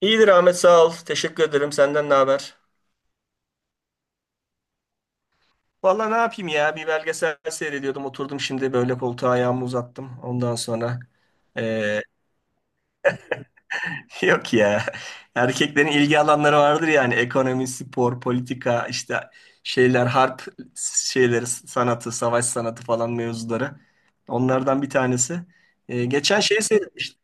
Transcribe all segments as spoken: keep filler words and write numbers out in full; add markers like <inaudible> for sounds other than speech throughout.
İyidir Ahmet, sağ ol. Teşekkür ederim. Senden ne haber? Vallahi ne yapayım ya? Bir belgesel seyrediyordum. Oturdum şimdi böyle koltuğa, ayağımı uzattım. Ondan sonra eee, <laughs> yok ya. Erkeklerin ilgi alanları vardır yani. Ekonomi, spor, politika, işte şeyler, harp şeyleri, sanatı, savaş sanatı falan mevzuları. Onlardan bir tanesi. Eee, geçen şeyi seyretmiştim.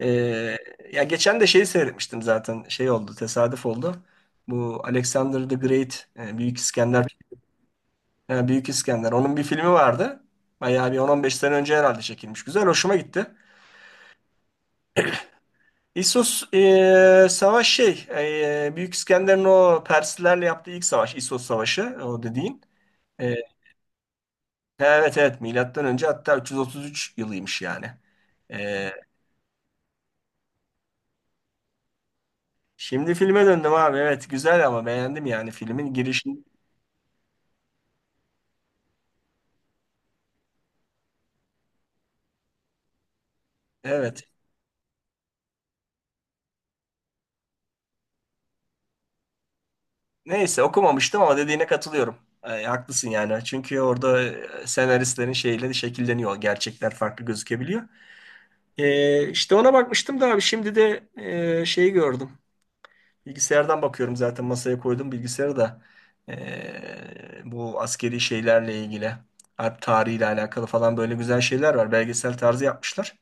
Eee, ya geçen de şeyi seyretmiştim zaten. Şey oldu, tesadüf oldu. Bu Alexander the Great, e, Büyük İskender. Ha, Büyük İskender. Onun bir filmi vardı. Bayağı bir on on beş sene önce herhalde çekilmiş. Güzel, hoşuma gitti. İssos e, savaş şey, e, Büyük İskender'in o Perslilerle yaptığı ilk savaş, İssos Savaşı o dediğin. E, evet evet, milattan önce hatta üç yüz otuz üç yılıymış yani. E, şimdi filme döndüm abi. Evet, güzel ama beğendim yani filmin girişini. Evet. Neyse okumamıştım ama dediğine katılıyorum. E, haklısın yani. Çünkü orada e, senaristlerin şeyleri şekilleniyor. Gerçekler farklı gözükebiliyor. Ee, işte ona bakmıştım da abi, şimdi de e, şeyi gördüm. Bilgisayardan bakıyorum, zaten masaya koydum bilgisayarı da. Ee, bu askeri şeylerle ilgili, harp tarihiyle alakalı falan böyle güzel şeyler var. Belgesel tarzı yapmışlar.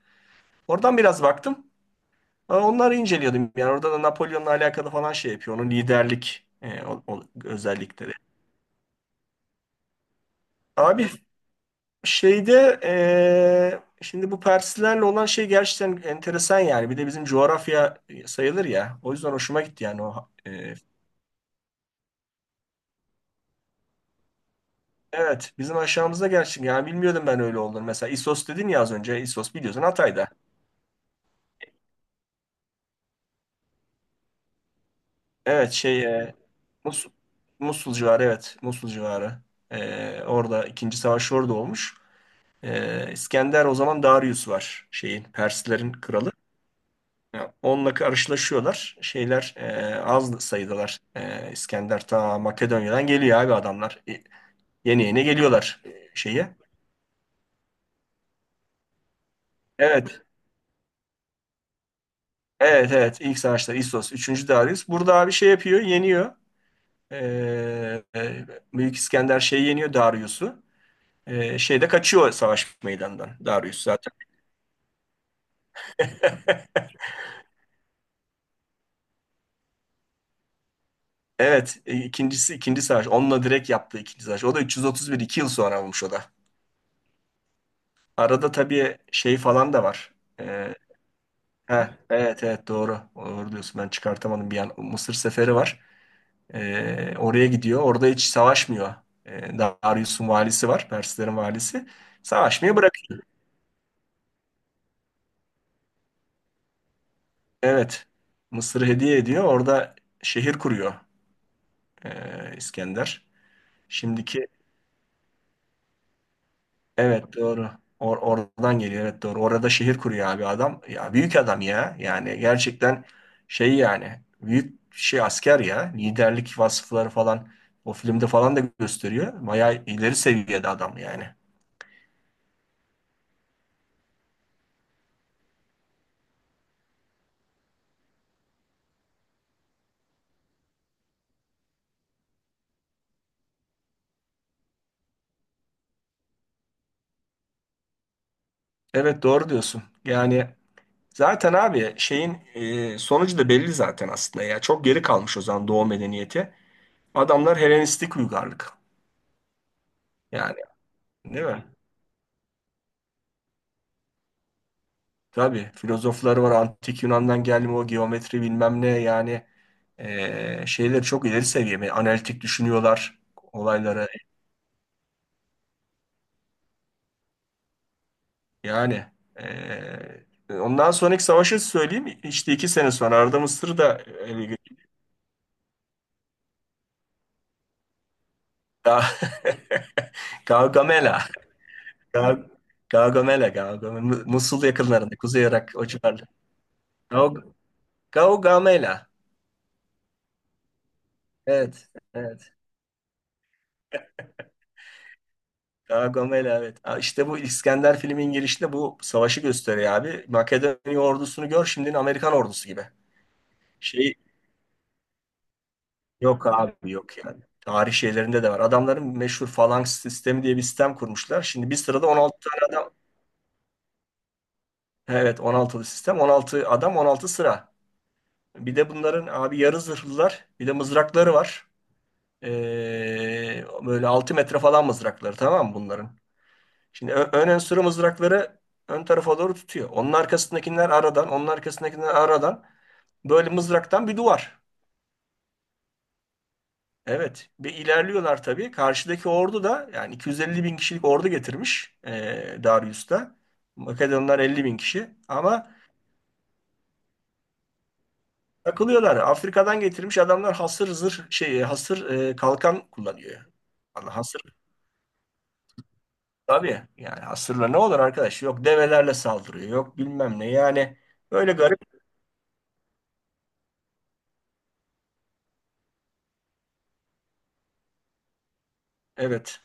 Oradan biraz baktım. Aa, onları inceliyordum. Yani orada da Napolyon'la alakalı falan şey yapıyor. Onun liderlik e, o- o- özellikleri. Abi şeyde e, şimdi bu Perslerle olan şey gerçekten enteresan yani. Bir de bizim coğrafya sayılır ya. O yüzden hoşuma gitti yani. O, e, evet bizim aşağımızda gerçekten, yani bilmiyordum ben öyle olduğunu. Mesela İsos dedin ya az önce. İsos biliyorsun Hatay'da. Evet şey e, Mus- Musul civarı, evet Musul civarı. E, orada ikinci savaş orada olmuş. E, İskender o zaman Darius var şeyin, Perslerin kralı. Ya, onunla karşılaşıyorlar. Şeyler e, az sayıdalar. E, İskender ta Makedonya'dan geliyor abi adamlar. E, yeni yeni geliyorlar e, şeye. Evet. Evet evet. İlk savaşlar İssos. Üçüncü Darius. Burada abi şey yapıyor. Yeniyor. E, e, Büyük İskender şey yeniyor, Darius'u. E, şeyde kaçıyor savaş meydanından, Darius zaten. <laughs> Evet. e, ikincisi ikinci savaş. Onunla direkt yaptığı ikinci savaş. O da üç yüz otuz bir, iki yıl sonra olmuş o da. Arada tabii şey falan da var. E, Heh, evet evet doğru. Doğru diyorsun. Ben çıkartamadım bir an. Mısır seferi var. Ee, oraya gidiyor. Orada hiç savaşmıyor. Ee, Darius'un valisi var, Perslerin valisi. Savaşmayı bırakıyor. Evet. Mısır'ı hediye ediyor. Orada şehir kuruyor, ee, İskender. Şimdiki, evet doğru. Or oradan geliyor. Evet doğru. Orada şehir kuruyor abi adam. Ya büyük adam ya. Yani gerçekten şey yani büyük şey asker ya. Liderlik vasıfları falan o filmde falan da gösteriyor. Bayağı ileri seviyede adam yani. Evet doğru diyorsun. Yani zaten abi şeyin e, sonucu da belli zaten aslında ya. Çok geri kalmış o zaman Doğu medeniyeti. Adamlar Helenistik uygarlık. Yani, değil mi? Tabii filozofları var, antik Yunan'dan gelme o geometri bilmem ne yani, eee şeyleri çok ileri seviye. Yani analitik düşünüyorlar olaylara, yani eee, ondan sonraki savaşı söyleyeyim. İşte iki sene sonra Arda Mısır'ı da ele geçirdi. Ga- <laughs> Gaugamela. Ga- Gaugamela. Gaugamela, Musul yakınlarında, Kuzey Irak o civarlarda. Gaug- Gaugamela, evet evet Kara Gomela, evet. Ha, İşte bu İskender filmin girişinde bu savaşı gösteriyor abi. Makedonya ordusunu gör, şimdinin Amerikan ordusu gibi. Şey yok abi, yok yani. Tarih şeylerinde de var. Adamların meşhur falanks sistemi diye bir sistem kurmuşlar. Şimdi bir sırada on altı tane adam. Evet, on altılı sistem. On altı adam, on altı sıra. Bir de bunların abi yarı zırhlılar. Bir de mızrakları var. Ee, böyle altı metre falan mızrakları, tamam mı bunların? Şimdi ö- ön enstrü mızrakları ön tarafa doğru tutuyor. Onun arkasındakiler aradan, onun arkasındakiler aradan, böyle mızraktan bir duvar. Evet, bir ilerliyorlar tabii. Karşıdaki ordu da yani iki yüz elli bin kişilik ordu getirmiş, eee Darius'ta. Makedonlar elli bin kişi ama takılıyorlar. Afrika'dan getirmiş adamlar hasır zırh, şey, hasır eee, kalkan kullanıyor. Allah, hasır tabii yani, hasırla ne olur arkadaş? Yok develerle saldırıyor, yok bilmem ne. Yani böyle garip. Evet.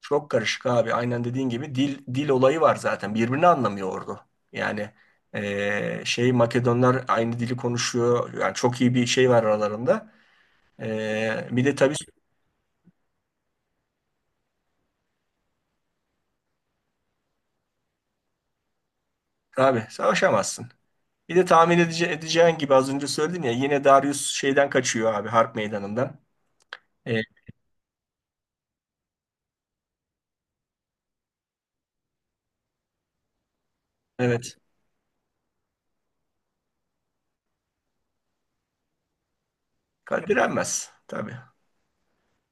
Çok karışık abi. Aynen dediğin gibi dil dil olayı var zaten. Birbirini anlamıyor ordu. Yani eee, şey Makedonlar aynı dili konuşuyor. Yani çok iyi bir şey var aralarında. Eee, bir de tabii abi savaşamazsın. Bir de tahmin edece- edeceğin gibi, az önce söyledim ya, yine Darius şeyden kaçıyor abi, harp meydanından. Eee, evet. Ka- direnmez tabii.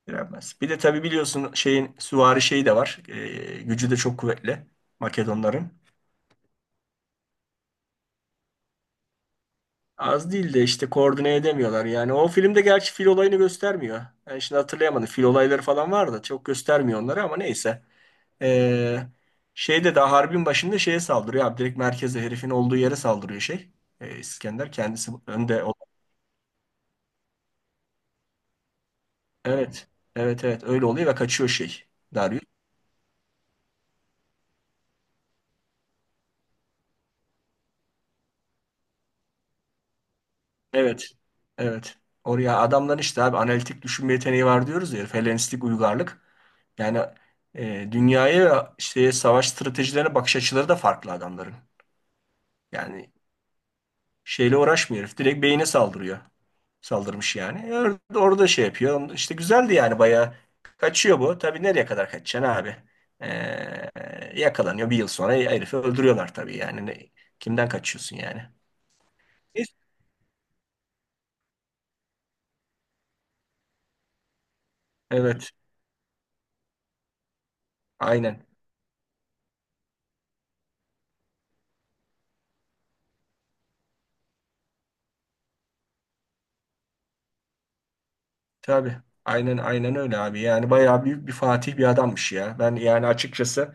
Direnmez. Bir de tabii biliyorsun şeyin süvari şeyi de var. Eee, gücü de çok kuvvetli Makedonların. Az değil de işte koordine edemiyorlar. Yani o filmde gerçi fil olayını göstermiyor. Ben şimdi hatırlayamadım. Fil olayları falan var da çok göstermiyor onları, ama neyse. Ee, şeyde daha harbin başında şeye saldırıyor abi. Direkt merkeze, herifin olduğu yere saldırıyor şey. Ee, İskender kendisi önde. Olan- evet. Evet evet öyle oluyor ve kaçıyor şey. Darius. Evet. Evet. Oraya, adamların işte abi analitik düşünme yeteneği var diyoruz ya. Herif, Helenistik uygarlık. Yani e, dünyaya ve işte savaş stratejilerine bakış açıları da farklı adamların. Yani şeyle uğraşmıyor herif. Direkt beyine saldırıyor. Saldırmış yani. Orada, orada şey yapıyor. İşte güzeldi yani bayağı. Kaçıyor bu. Tabii nereye kadar kaçacaksın abi? Ee, yakalanıyor. Bir yıl sonra herifi öldürüyorlar tabii yani. Ne- kimden kaçıyorsun yani? Neyse. Evet. Aynen. Tabii. Aynen aynen öyle abi. Yani bayağı büyük bir fatih bir adammış ya. Ben yani açıkçası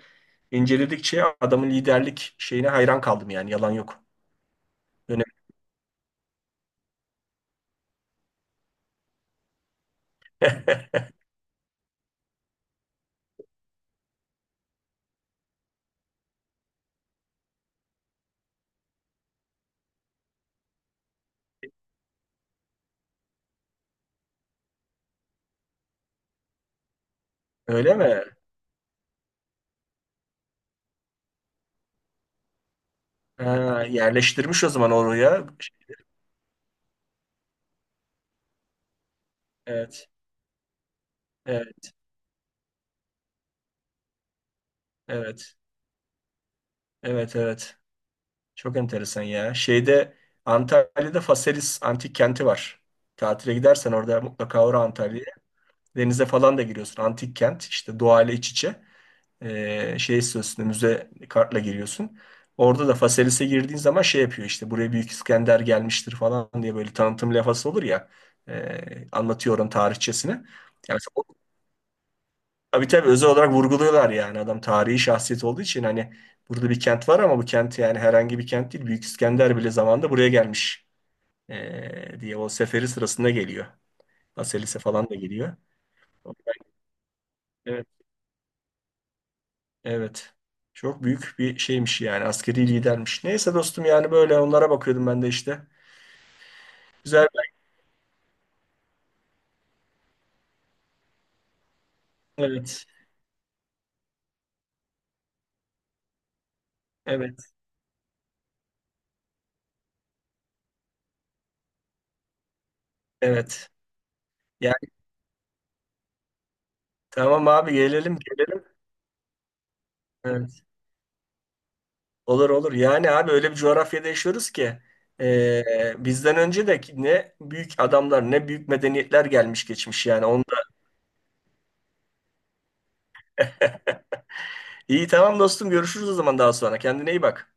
inceledikçe adamın liderlik şeyine hayran kaldım yani. Yalan yok. Öyle. <laughs> Öyle mi? Ha, yerleştirmiş o zaman oraya. Evet. Evet. Evet. Evet. Evet. Çok enteresan ya. Şeyde Antalya'da Faselis antik kenti var. Tatile gidersen orada mutlaka uğra Antalya'ya. Denize falan da giriyorsun. Antik kent işte, doğayla iç içe. Ee, şey, istiyorsun müze kartla giriyorsun. Orada da Faselis'e girdiğin zaman şey yapıyor, işte buraya Büyük İskender gelmiştir falan diye böyle tanıtım lafası olur ya. Ee, anlatıyor oranın tarihçesini. Yani tabii tabii özel olarak vurguluyorlar yani, adam tarihi şahsiyet olduğu için hani, burada bir kent var ama bu kent yani herhangi bir kent değil. Büyük İskender bile zamanında buraya gelmiş ee, diye, o seferi sırasında geliyor. Baselis'e falan da geliyor. Evet, evet. Çok büyük bir şeymiş yani, askeri lidermiş. Neyse dostum, yani böyle onlara bakıyordum ben de işte. Güzel. Evet, evet, evet. Yani tamam abi, gelelim, gelelim. Evet. Olur olur. Yani abi öyle bir coğrafyada yaşıyoruz ki e, bizden önce de ki ne büyük adamlar, ne büyük medeniyetler gelmiş geçmiş yani. Onda... İyi tamam dostum, görüşürüz o zaman daha sonra. Kendine iyi bak.